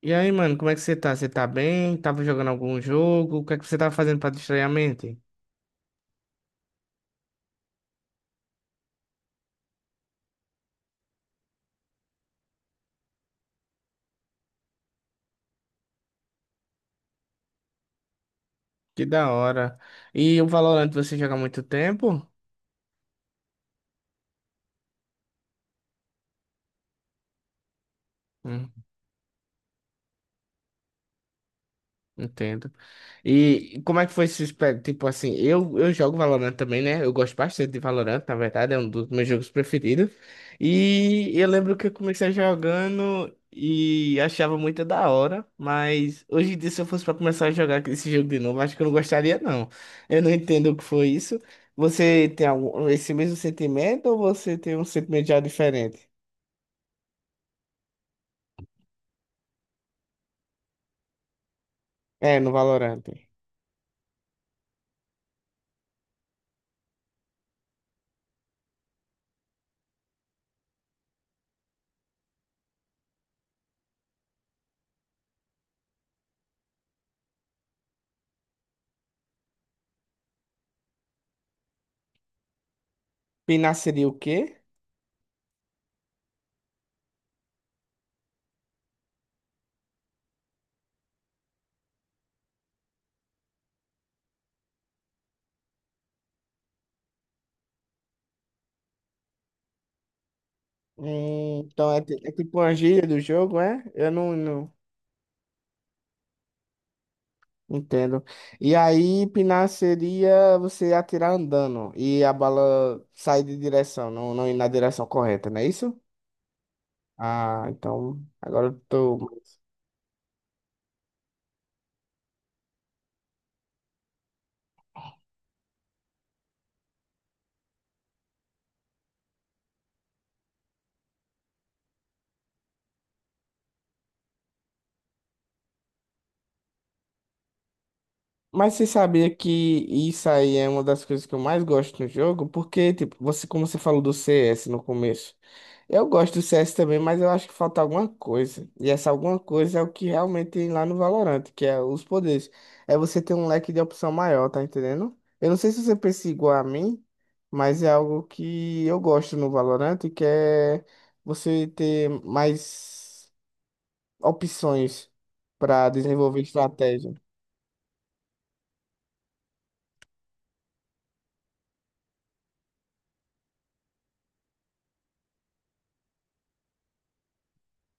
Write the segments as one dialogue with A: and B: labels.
A: E aí, mano, como é que você tá? Você tá bem? Tava jogando algum jogo? O que é que você tava fazendo pra distrair a mente? Que da hora. E o Valorant você joga há muito tempo? Entendo. E como é que foi esse Tipo assim, eu jogo Valorant também, né? Eu gosto bastante de Valorant, na verdade, é um dos meus jogos preferidos. E eu lembro que eu comecei jogando e achava muito da hora, mas hoje em dia, se eu fosse pra começar a jogar esse jogo de novo, acho que eu não gostaria, não. Eu não entendo o que foi isso. Você tem algum, esse mesmo sentimento ou você tem um sentimento já diferente? É, no Valorant. Pinar seria o quê? Hum. Então é, é tipo uma gíria do jogo, é? Eu não entendo. E aí, pinar seria você atirar andando e a bala sair de direção, não ir na direção correta, não é isso? Ah, então agora eu tô. Mas você sabia que isso aí é uma das coisas que eu mais gosto no jogo? Porque, tipo, você, como você falou do CS no começo, eu gosto do CS também, mas eu acho que falta alguma coisa. E essa alguma coisa é o que realmente tem lá no Valorant, que é os poderes. É você ter um leque de opção maior, tá entendendo? Eu não sei se você pensa igual a mim, mas é algo que eu gosto no Valorant, que é você ter mais opções para desenvolver estratégia.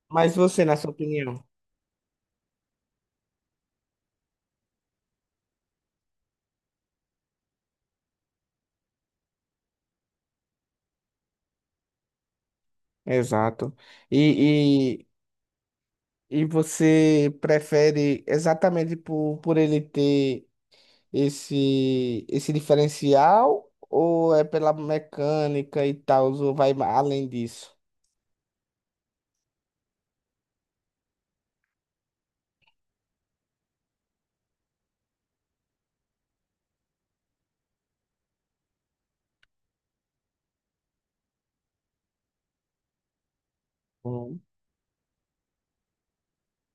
A: Mas você, na sua opinião? Exato. E, e, e você prefere exatamente por ele ter esse diferencial ou é pela mecânica e tal, ou vai além disso?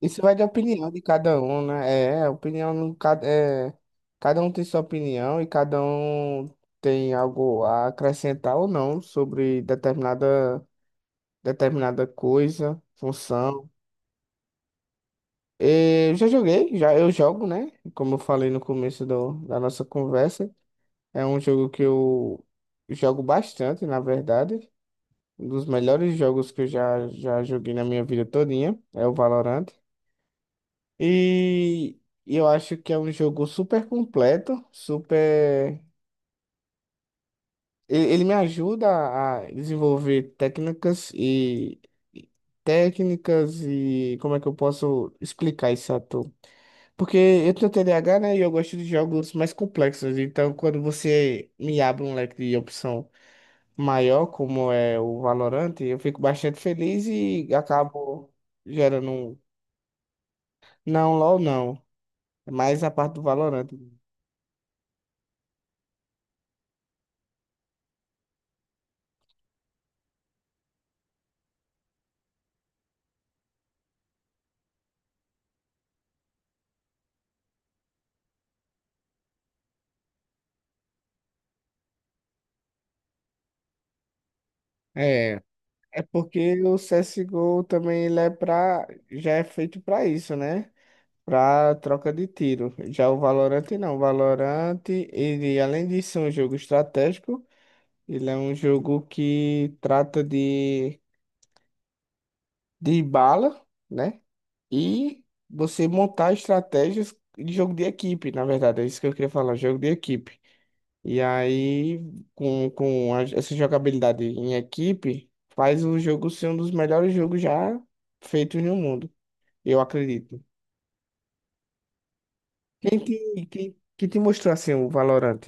A: Isso vai de opinião de cada um, né? É, opinião no cada é, cada um tem sua opinião e cada um tem algo a acrescentar ou não sobre determinada coisa, função. E eu já joguei, já eu jogo, né? Como eu falei no começo do, da nossa conversa, é um jogo que eu jogo bastante, na verdade. Um dos melhores jogos que eu já, já joguei na minha vida todinha é o Valorant. E eu acho que é um jogo super completo, super. Ele me ajuda a desenvolver técnicas e- técnicas e como é que eu posso explicar isso a tu? Porque eu tenho TDAH, né? E eu gosto de jogos mais complexos. Então, quando você me abre um leque de opção maior, como é o Valorant, eu fico bastante feliz e acabo gerando um. Não, LOL não. É mais a parte do Valorant. É. É porque o CSGO também ele é pra, já é feito para isso, né? Para troca de tiro. Já o Valorant não. O Valorant, ele, além de ser um jogo estratégico, ele é um jogo que trata de bala, né? E você montar estratégias de jogo de equipe, na verdade. É isso que eu queria falar, jogo de equipe. E aí, essa jogabilidade em equipe, faz o jogo ser um dos melhores jogos já feitos no mundo, eu acredito. Que te mostrou assim o Valorant?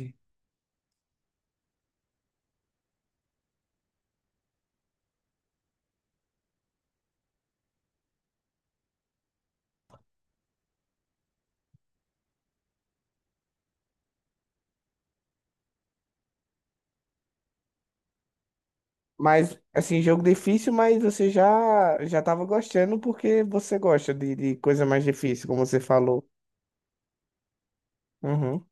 A: Mas, assim, jogo difícil, mas você já já tava gostando porque você gosta de coisa mais difícil, como você falou. Uhum.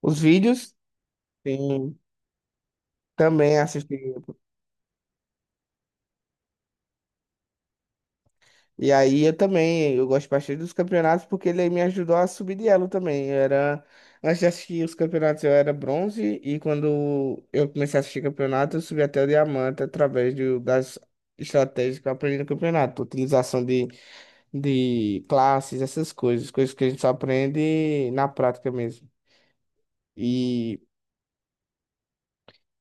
A: Os vídeos, sim, também assisti. E aí eu também, eu gosto bastante dos campeonatos porque ele me ajudou a subir de elo também. Eu era, antes de assistir os campeonatos eu era bronze e quando eu comecei a assistir campeonato eu subi até o diamante através do, das estratégias que eu aprendi no campeonato. Utilização de classes, essas coisas, coisas que a gente só aprende na prática mesmo. E,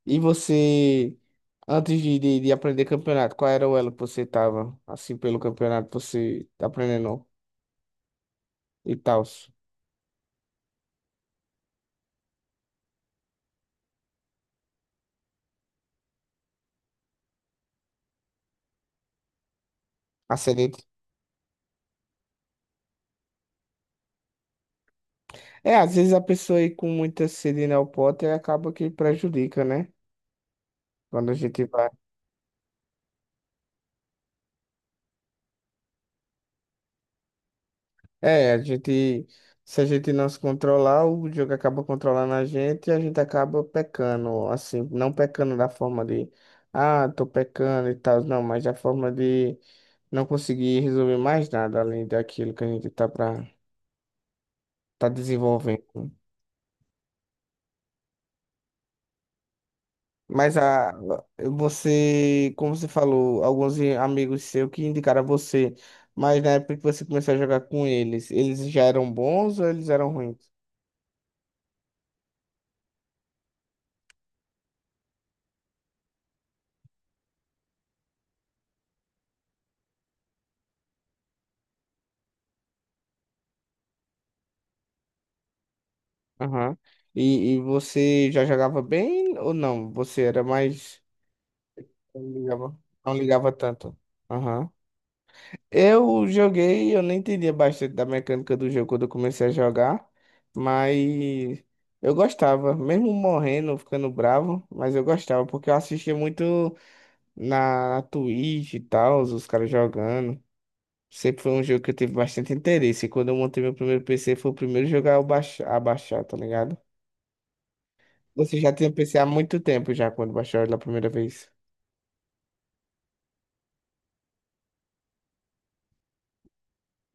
A: e você, de aprender campeonato, qual era o elo que você tava, assim, pelo campeonato, você tá aprendendo e tal? A sede. É, às vezes a pessoa aí com muita sede no pote acaba que prejudica, né? Quando a gente vai. É, a gente. Se a gente não se controlar, o jogo acaba controlando a gente e a gente acaba pecando, assim, não pecando da forma de, ah, tô pecando e tal, não, mas da forma de não conseguir resolver mais nada além daquilo que a gente tá pra, tá desenvolvendo. Mas a, você, como você falou, alguns amigos seus que indicaram a você, mas na época que você começou a jogar com eles, eles já eram bons ou eles eram ruins? Aham. E você já jogava bem ou não? Você era mais. Não ligava, não ligava tanto. Aham. Eu joguei, eu nem entendia bastante da mecânica do jogo quando eu comecei a jogar, mas eu gostava, mesmo morrendo, ficando bravo, mas eu gostava, porque eu assistia muito. Na Twitch e tal, os caras jogando. Sempre foi um jogo que eu tive bastante interesse. E quando eu montei meu primeiro PC, foi o primeiro jogo a eu a baixar, tá ligado? Você já tinha PC há muito tempo já, quando baixou ele a primeira vez.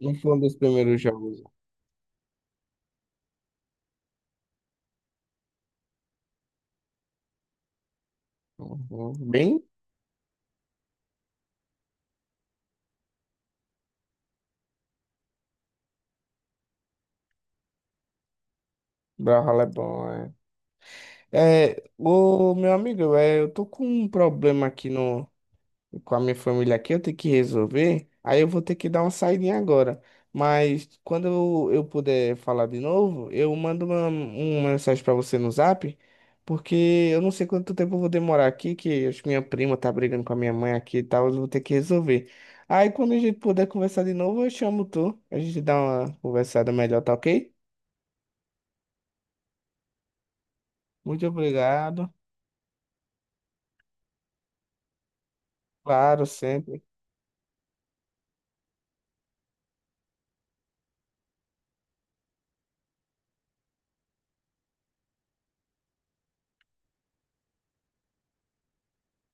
A: Não foi um dos primeiros jogos. Uhum. Bem, Brawlhalla é bom, é. É, ô, meu amigo, é, eu tô com um problema aqui no, com a minha família aqui, eu tenho que resolver. Aí eu vou ter que dar uma saidinha agora. Mas quando eu puder falar de novo, eu mando uma mensagem pra você no Zap, porque eu não sei quanto tempo eu vou demorar aqui, que acho que minha prima tá brigando com a minha mãe aqui e tal, eu vou ter que resolver. Aí quando a gente puder conversar de novo, eu chamo tu. A gente dá uma conversada melhor, tá ok? Muito obrigado. Claro, sempre.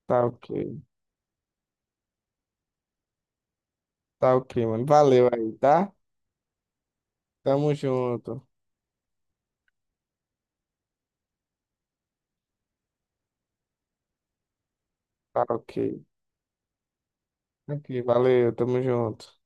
A: Tá ok. Tá ok, mano. Valeu aí, tá? Tamo junto. Tá ok. Aqui, valeu, tamo junto.